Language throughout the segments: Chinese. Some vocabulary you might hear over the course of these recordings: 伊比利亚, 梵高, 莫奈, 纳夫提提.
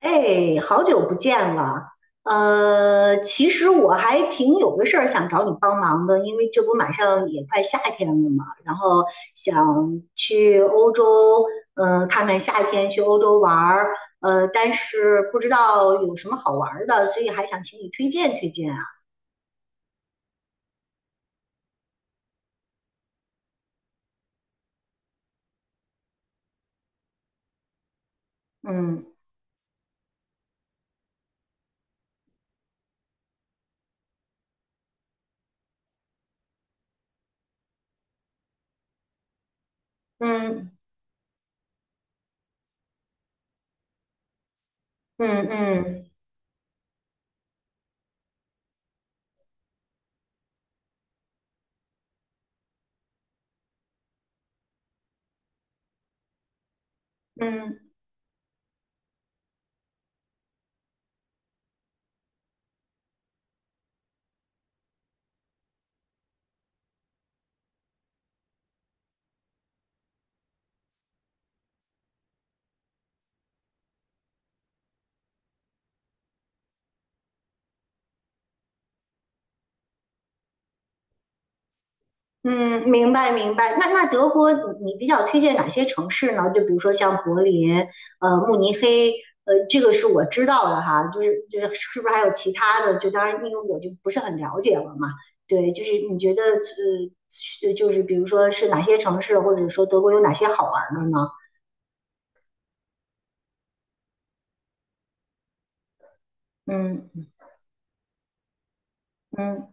哎，好久不见了。其实我还挺有个事儿想找你帮忙的，因为这不马上也快夏天了嘛，然后想去欧洲，看看夏天去欧洲玩儿，但是不知道有什么好玩儿的，所以还想请你推荐推荐啊。嗯嗯嗯嗯嗯嗯，明白明白。那德国你比较推荐哪些城市呢？就比如说像柏林、慕尼黑，这个是我知道的哈。就是是不是还有其他的？就当然因为我就不是很了解了嘛。对，就是你觉得是就是比如说是哪些城市，或者说德国有哪些好玩的呢？嗯嗯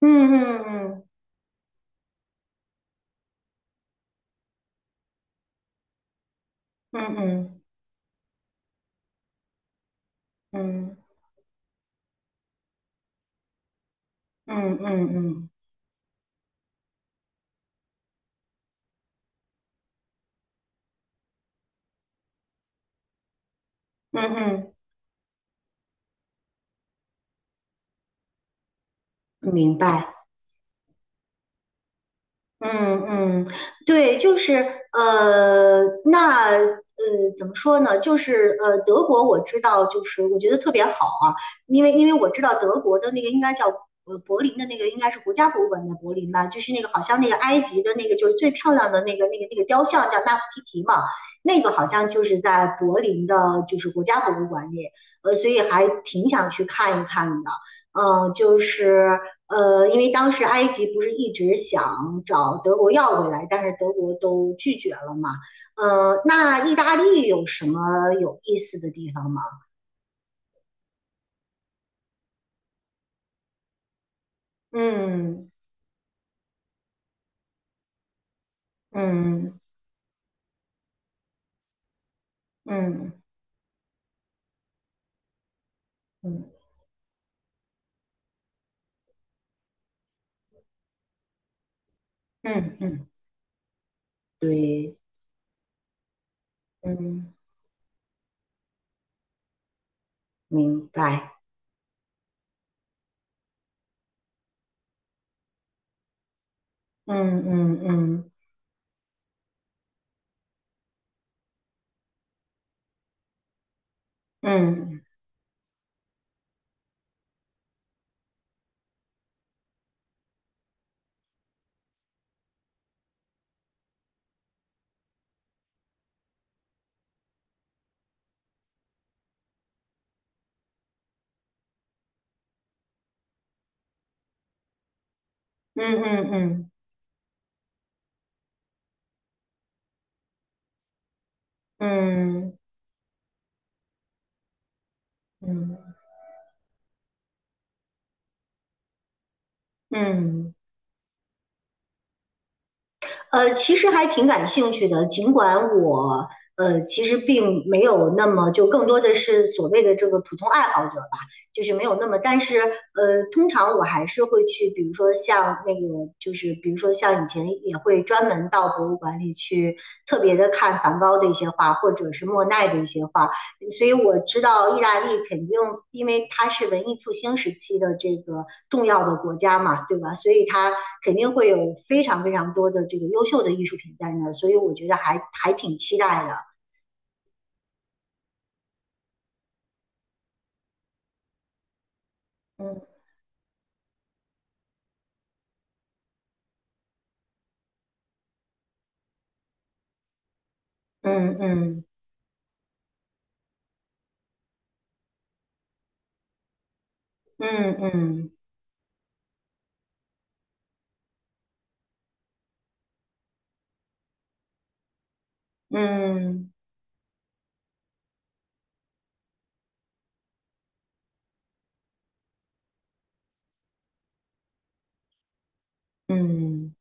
嗯嗯嗯嗯嗯嗯嗯嗯嗯嗯，嗯明白。嗯嗯，对，就是那怎么说呢？就是德国我知道，就是我觉得特别好啊，因为我知道德国的那个应该叫柏林的那个应该是国家博物馆的柏林吧，就是那个好像那个埃及的那个就是最漂亮的那个雕像叫纳夫提提嘛，那个好像就是在柏林的，就是国家博物馆里，所以还挺想去看一看的。就是因为当时埃及不是一直想找德国要回来，但是德国都拒绝了嘛。那意大利有什么有意思的地方吗？嗯嗯嗯嗯嗯嗯，对，嗯，明白。嗯嗯嗯嗯嗯嗯嗯嗯嗯嗯嗯。嗯嗯嗯其实还挺感兴趣的，尽管我其实并没有那么就更多的是所谓的这个普通爱好者吧，就是没有那么，但是通常我还是会去，比如说像以前也会专门到博物馆里去特别的看梵高的一些画，或者是莫奈的一些画，所以我知道意大利肯定，因为它是文艺复兴时期的这个重要的国家嘛，对吧？所以它肯定会有非常非常多的这个优秀的艺术品在那儿，所以我觉得还挺期待的。嗯嗯嗯嗯嗯嗯嗯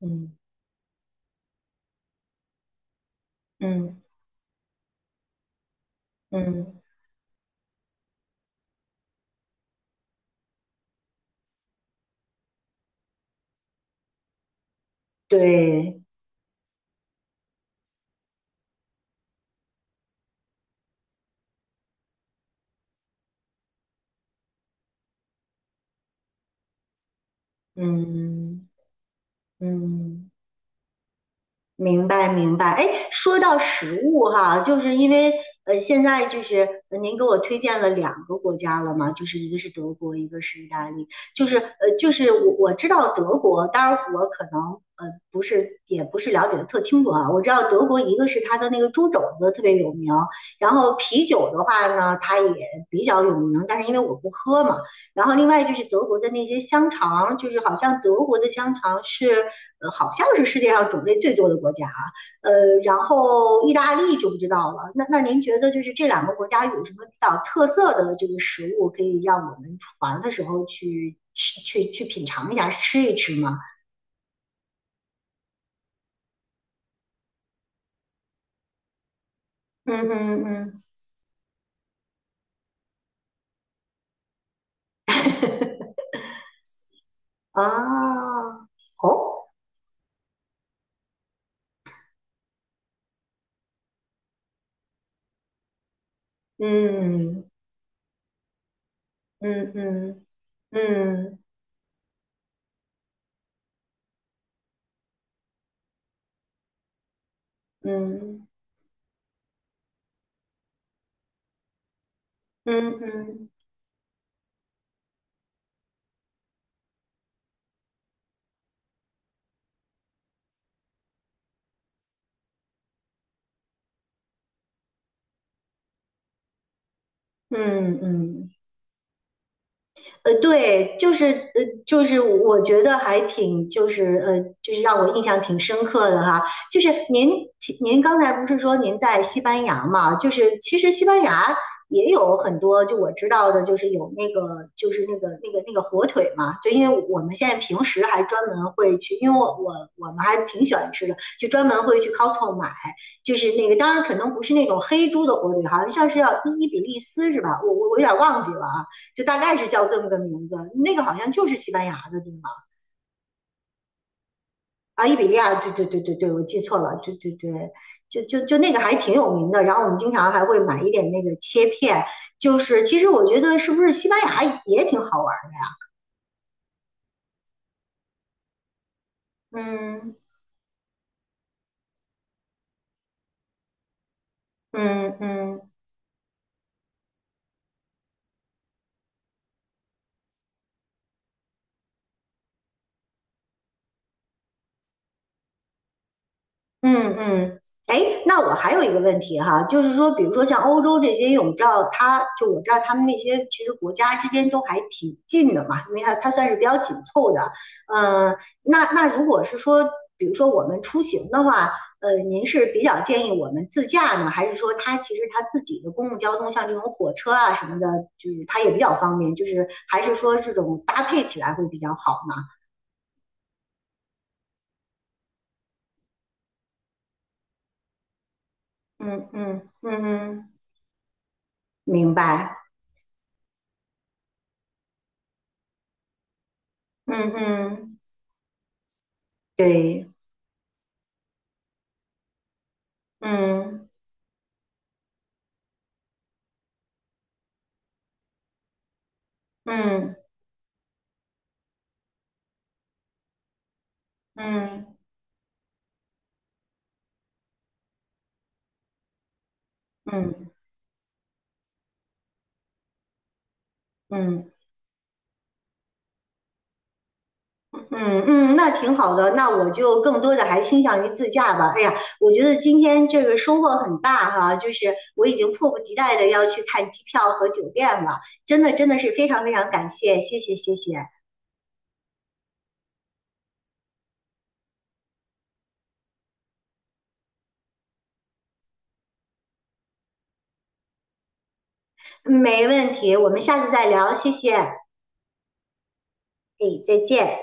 嗯嗯嗯，对，嗯嗯。明白明白，哎，说到食物哈，就是因为现在就是您给我推荐了两个国家了嘛，就是一个是德国，一个是意大利，就是就是我知道德国，当然我可能呃不是也不是了解的特清楚啊，我知道德国一个是它的那个猪肘子特别有名，然后啤酒的话呢，它也比较有名，但是因为我不喝嘛，然后另外就是德国的那些香肠，就是好像德国的香肠是，好像是世界上种类最多的国家啊。呃，然后意大利就不知道了。那您觉得就是这两个国家有什么比较特色的这个食物，可以让我们出玩的时候去吃、去品尝一下、吃一吃吗？嗯嗯嗯，啊，哦，嗯嗯嗯嗯嗯嗯嗯嗯嗯。嗯嗯嗯对，就是就是我觉得还挺，就是就是让我印象挺深刻的哈。就是您刚才不是说您在西班牙嘛？就是其实西班牙也有很多，就我知道的，就是有那个就是那个火腿嘛。就因为我们现在平时还专门会去，因为我们还挺喜欢吃的，就专门会去 Costco 买，就是那个当然可能不是那种黑猪的火腿，好像像是要伊比利斯是吧？我有点忘记了啊。就大概是叫这么个名字。那个好像就是西班牙的地方啊，伊比利亚，对对对对对，我记错了，对对对，就那个还挺有名的。然后我们经常还会买一点那个切片，就是其实我觉得是不是西班牙也挺好玩的？嗯嗯嗯，嗯嗯，哎，那我还有一个问题哈，就是说，比如说像欧洲这些，因为我们知道它，就我知道他们那些其实国家之间都还挺近的嘛，因为它算是比较紧凑的。呃，那如果是说，比如说我们出行的话，您是比较建议我们自驾呢，还是说它其实它自己的公共交通，像这种火车啊什么的，就是它也比较方便，就是还是说这种搭配起来会比较好呢？嗯嗯嗯嗯，明白。嗯嗯。对，嗯嗯嗯嗯嗯嗯嗯，那挺好的。那我就更多的还倾向于自驾吧。哎呀，我觉得今天这个收获很大哈，就是我已经迫不及待的要去看机票和酒店了。真的真的是非常非常感谢，谢谢谢谢，没问题，我们下次再聊，谢谢，哎，再见。